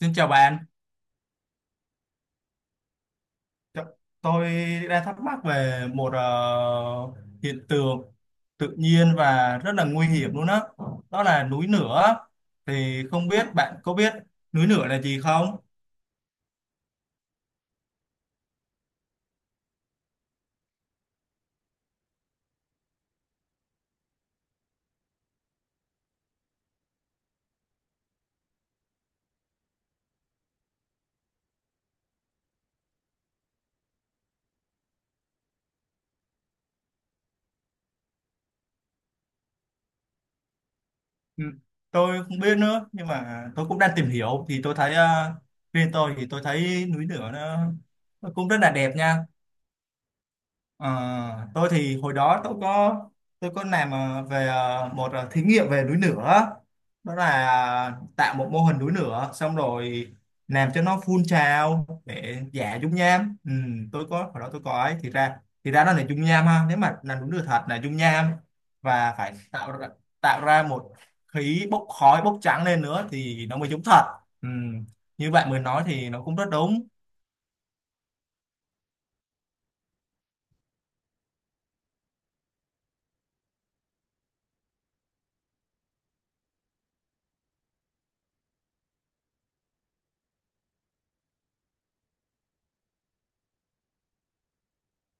Xin chào bạn. T- Tôi đang thắc mắc về một hiện tượng tự nhiên và rất là nguy hiểm luôn á. Đó. Đó là núi lửa. Thì không biết bạn có biết núi lửa là gì không? Ừ, tôi không biết nữa, nhưng mà tôi cũng đang tìm hiểu thì tôi thấy riêng tôi thì tôi thấy núi lửa nó cũng rất là đẹp nha. Ờ, tôi thì hồi đó tôi có làm về một thí nghiệm về núi lửa. Đó là tạo một mô hình núi lửa, xong rồi làm cho nó phun trào để giả dung nham. Ừ, tôi có hồi đó tôi có ấy thì ra, nó là dung nham ha. Nếu mà là núi lửa thật là dung nham và phải tạo ra, một khí bốc khói bốc trắng lên nữa thì nó mới giống thật. ừ. Như bạn mới nói thì nó cũng rất đúng.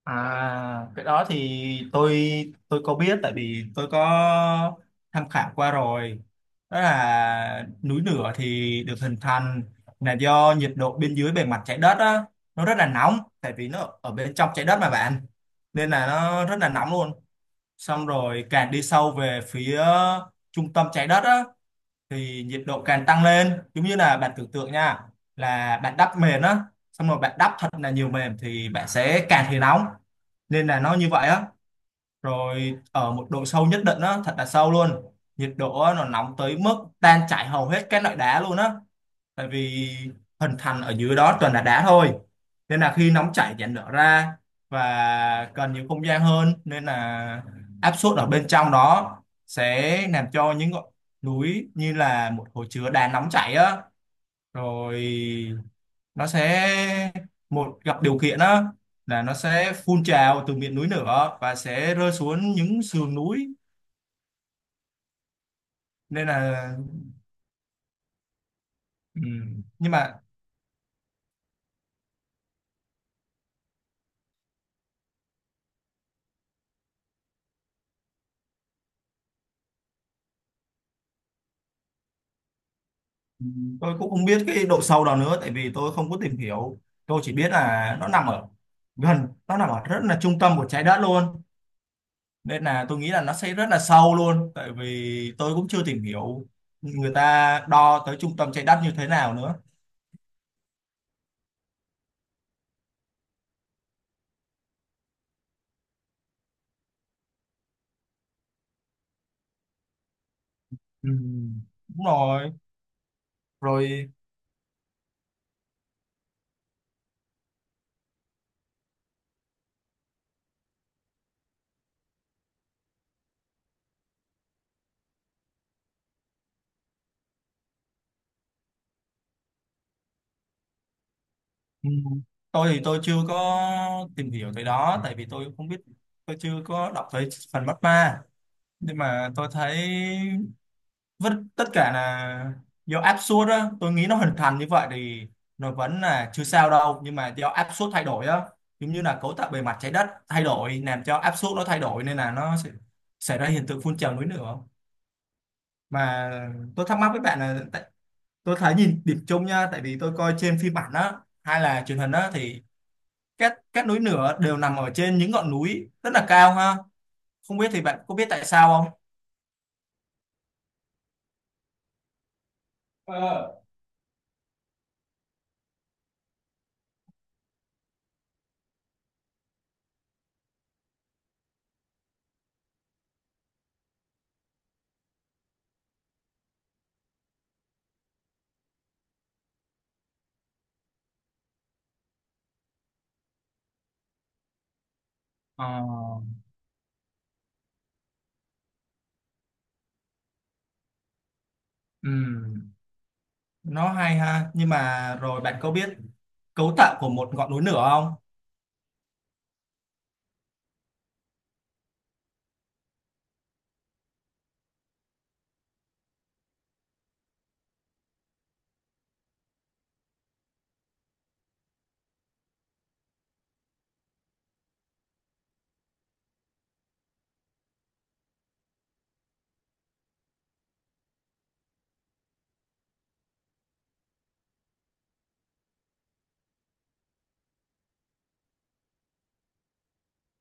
À, cái đó thì tôi có biết tại vì tôi có tham khảo qua rồi. Đó là núi lửa thì được hình thành là do nhiệt độ bên dưới bề mặt trái đất á, nó rất là nóng tại vì nó ở bên trong trái đất mà bạn. Nên là nó rất là nóng luôn. Xong rồi càng đi sâu về phía trung tâm trái đất á thì nhiệt độ càng tăng lên, giống như là bạn tưởng tượng nha, là bạn đắp mền á, xong rồi bạn đắp thật là nhiều mền thì bạn sẽ càng thấy nóng, nên là nó như vậy á. Rồi ở một độ sâu nhất định á, thật là sâu luôn, nhiệt độ á, nó nóng tới mức tan chảy hầu hết các loại đá luôn á, tại vì hình thành ở dưới đó toàn là đá thôi. Nên là khi nóng chảy dạn nở ra và cần nhiều không gian hơn, nên là áp suất ở bên trong đó sẽ làm cho những ngọn núi như là một hồ chứa đá nóng chảy á. Rồi nó sẽ một gặp điều kiện á là nó sẽ phun trào từ miệng núi lửa và sẽ rơi xuống những sườn núi, nên là. Ừ. Nhưng mà tôi cũng không biết cái độ sâu đó nữa tại vì tôi không có tìm hiểu. Tôi chỉ biết là nó nằm ở gần, nó nằm ở rất là trung tâm của trái đất luôn, nên là tôi nghĩ là nó sẽ rất là sâu luôn, tại vì tôi cũng chưa tìm hiểu người ta đo tới trung tâm trái đất như thế nào nữa. Ừ. Đúng rồi. Rồi. Ừ. Tôi thì tôi chưa có tìm hiểu tới đó tại vì tôi không biết, tôi chưa có đọc tới phần bắt ma. Nhưng mà tôi thấy vẫn tất cả là do áp suất á, tôi nghĩ nó hình thành như vậy thì nó vẫn là chưa sao đâu. Nhưng mà do áp suất thay đổi á, giống như là cấu tạo bề mặt trái đất thay đổi làm cho áp suất nó thay đổi, nên là nó sẽ xảy ra hiện tượng phun trào núi lửa. Mà tôi thắc mắc với bạn là tôi thấy nhìn điểm chung nha, tại vì tôi coi trên phim ảnh á hay là truyền hình á, thì các núi lửa đều nằm ở trên những ngọn núi rất là cao ha. Không biết thì bạn có biết tại sao không? Ờ. Ờ. Ừ. Nó hay ha. Nhưng mà rồi bạn có biết cấu tạo của một ngọn núi lửa không?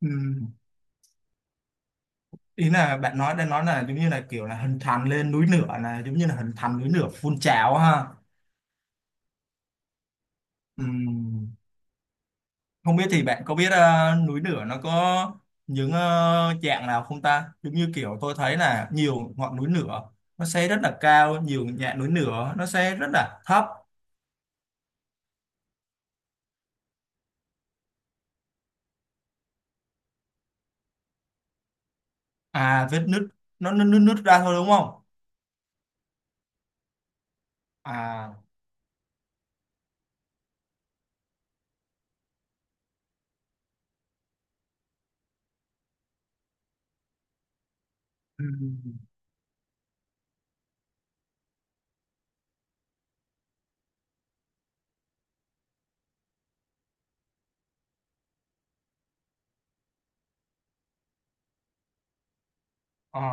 Ừm, ý là bạn nói đang nói là giống như là kiểu là hình thành lên núi lửa là giống như là hình thành núi lửa phun trào ha. Ừm, không biết thì bạn có biết núi lửa nó có những dạng nào không ta, giống như kiểu tôi thấy là nhiều ngọn núi lửa nó sẽ rất là cao, nhiều dạng núi lửa nó sẽ rất là thấp. À, vết nứt, nó nứt nứt nứt ra thôi đúng không? À. ừm, ờ,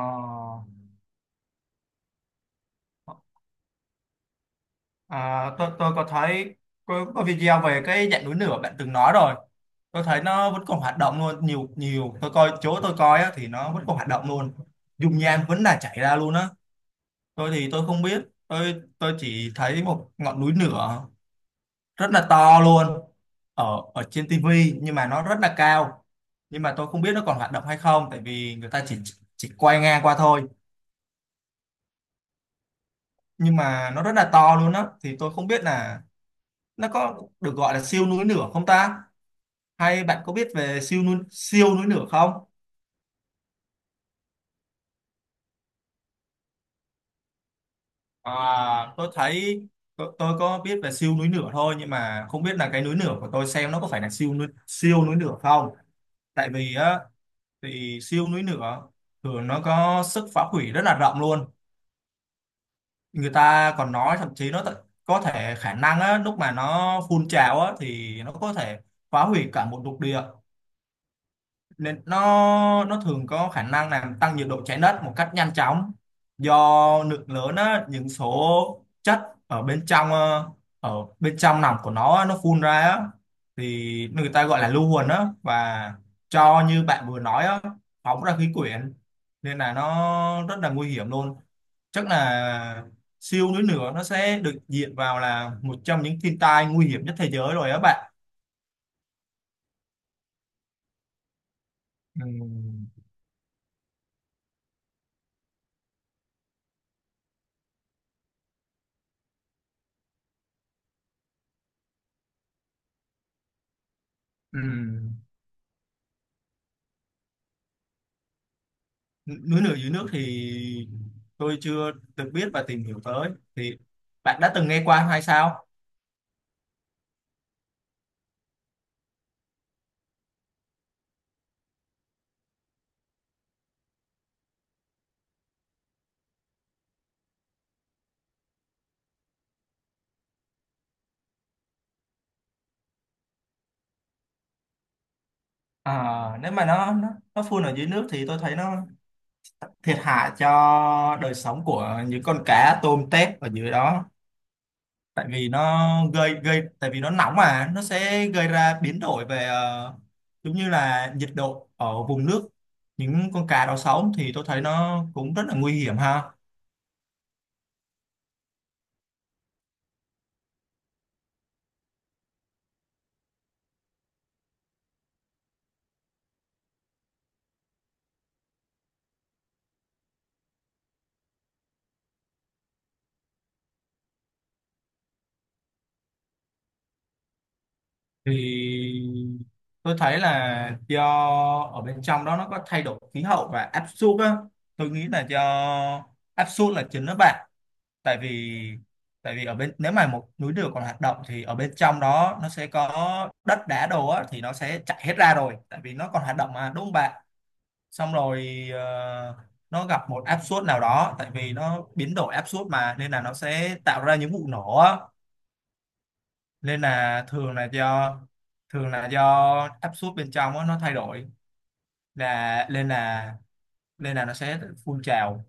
À, tôi có thấy có video về cái dạng núi lửa bạn từng nói rồi. Tôi thấy nó vẫn còn hoạt động luôn, nhiều nhiều. Tôi coi chỗ tôi coi á, thì nó vẫn còn hoạt động luôn. Dung nham vẫn là chảy ra luôn á. Tôi thì tôi không biết. Tôi chỉ thấy một ngọn núi lửa rất là to luôn ở ở trên tivi nhưng mà nó rất là cao. Nhưng mà tôi không biết nó còn hoạt động hay không tại vì người ta chỉ quay ngang qua thôi. Nhưng mà nó rất là to luôn á, thì tôi không biết là nó có được gọi là siêu núi lửa không ta? Hay bạn có biết về siêu núi lửa không? À, tôi thấy tôi có biết về siêu núi lửa thôi, nhưng mà không biết là cái núi lửa của tôi xem nó có phải là siêu núi lửa không? Tại vì á thì siêu núi lửa thường nó có sức phá hủy rất là rộng luôn. Người ta còn nói thậm chí nó có thể khả năng á lúc mà nó phun trào á thì nó có thể phá hủy cả một lục địa. Nên nó thường có khả năng làm tăng nhiệt độ trái đất một cách nhanh chóng, do lượng lớn á, những số chất ở bên trong ờ, ở bên trong nòng của nó á, nó phun ra á, thì người ta gọi là lưu huỳnh á, và cho như bạn vừa nói á, phóng ra khí quyển, nên là nó rất là nguy hiểm luôn. Chắc là siêu núi lửa nó sẽ được diện vào là một trong những thiên tai nguy hiểm nhất thế giới rồi á bạn. Ừm. Ừm. Núi lửa dưới nước thì tôi chưa được biết và tìm hiểu tới, thì bạn đã từng nghe qua hay sao? À, nếu mà nó phun ở dưới nước thì tôi thấy nó thiệt hại cho đời sống của những con cá tôm tép ở dưới đó. Tại vì nó gây gây tại vì nó nóng mà nó sẽ gây ra biến đổi về giống như là nhiệt độ ở vùng nước những con cá đó sống, thì tôi thấy nó cũng rất là nguy hiểm ha. Thì tôi thấy là do ở bên trong đó nó có thay đổi khí hậu và áp suất á, tôi nghĩ là do áp suất là chính đó bạn. Tại vì tại vì ở bên, nếu mà một núi lửa còn hoạt động thì ở bên trong đó nó sẽ có đất đá đồ á, thì nó sẽ chảy hết ra rồi, tại vì nó còn hoạt động mà, đúng không bạn? Xong rồi ờ, nó gặp một áp suất nào đó, tại vì nó biến đổi áp suất mà nên là nó sẽ tạo ra những vụ nổ á, nên là thường là do áp suất bên trong á, nó thay đổi là, nên là nó sẽ phun trào.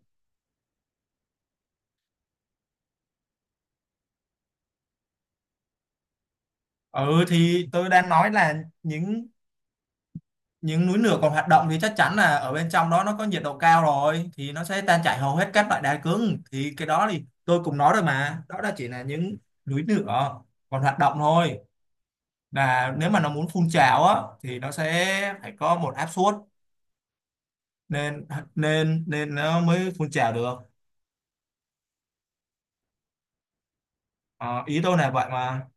Ừ thì tôi đang nói là những núi lửa còn hoạt động thì chắc chắn là ở bên trong đó nó có nhiệt độ cao rồi, thì nó sẽ tan chảy hầu hết các loại đá cứng. Thì cái đó thì tôi cũng nói rồi, mà đó là chỉ là những núi lửa còn hoạt động thôi, là nếu mà nó muốn phun trào á thì nó sẽ phải có một áp suất, nên nên nên nó mới phun trào được. Ờ, ý tôi là vậy mà.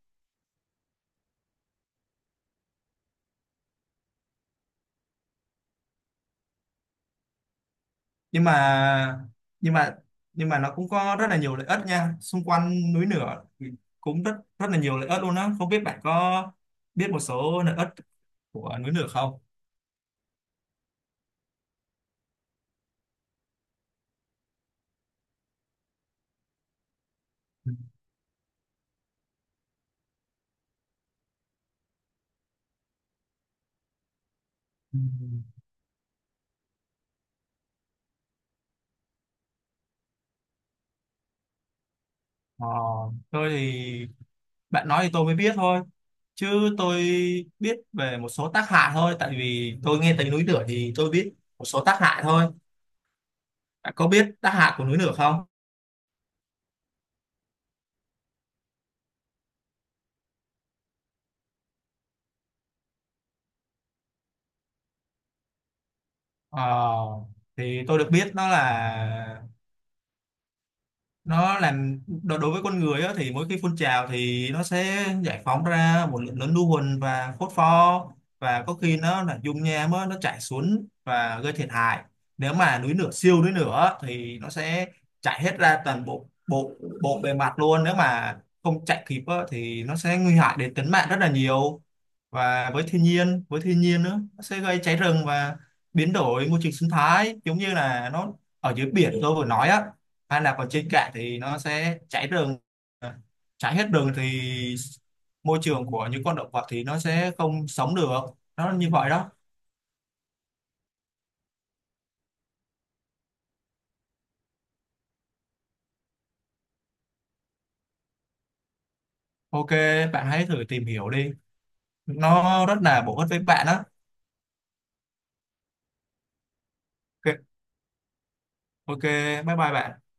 Nhưng mà nhưng mà nhưng mà nó cũng có rất là nhiều lợi ích nha, xung quanh núi lửa cũng rất, rất là nhiều lợi ích luôn á. Không biết bạn có biết một số lợi ích của núi lửa không? Ừ. Ờ, tôi thì bạn nói thì tôi mới biết thôi, chứ tôi biết về một số tác hại thôi, tại vì tôi nghe tới núi lửa thì tôi biết một số tác hại thôi. Bạn có biết tác hại của núi lửa không? Ờ, thì tôi được biết nó là nó làm đối với con người á, thì mỗi khi phun trào thì nó sẽ giải phóng ra một lượng lớn lưu huỳnh và phốt pho. Và có khi nó là dung nham á, nó chảy xuống và gây thiệt hại. Nếu mà núi lửa siêu núi lửa thì nó sẽ chảy hết ra toàn bộ bộ bộ bề mặt luôn, nếu mà không chạy kịp á, thì nó sẽ nguy hại đến tính mạng rất là nhiều. Và với thiên nhiên, với thiên nhiên nữa, nó sẽ gây cháy rừng và biến đổi môi trường sinh thái, giống như là nó ở dưới biển tôi vừa nói á, anh đạp vào trên cạn thì nó sẽ cháy rừng. À, cháy hết rừng thì môi trường của những con động vật thì nó sẽ không sống được. Nó như vậy đó. Ok, bạn hãy thử tìm hiểu đi, nó rất là bổ ích với bạn đó. Ok, ok, bye bye bạn.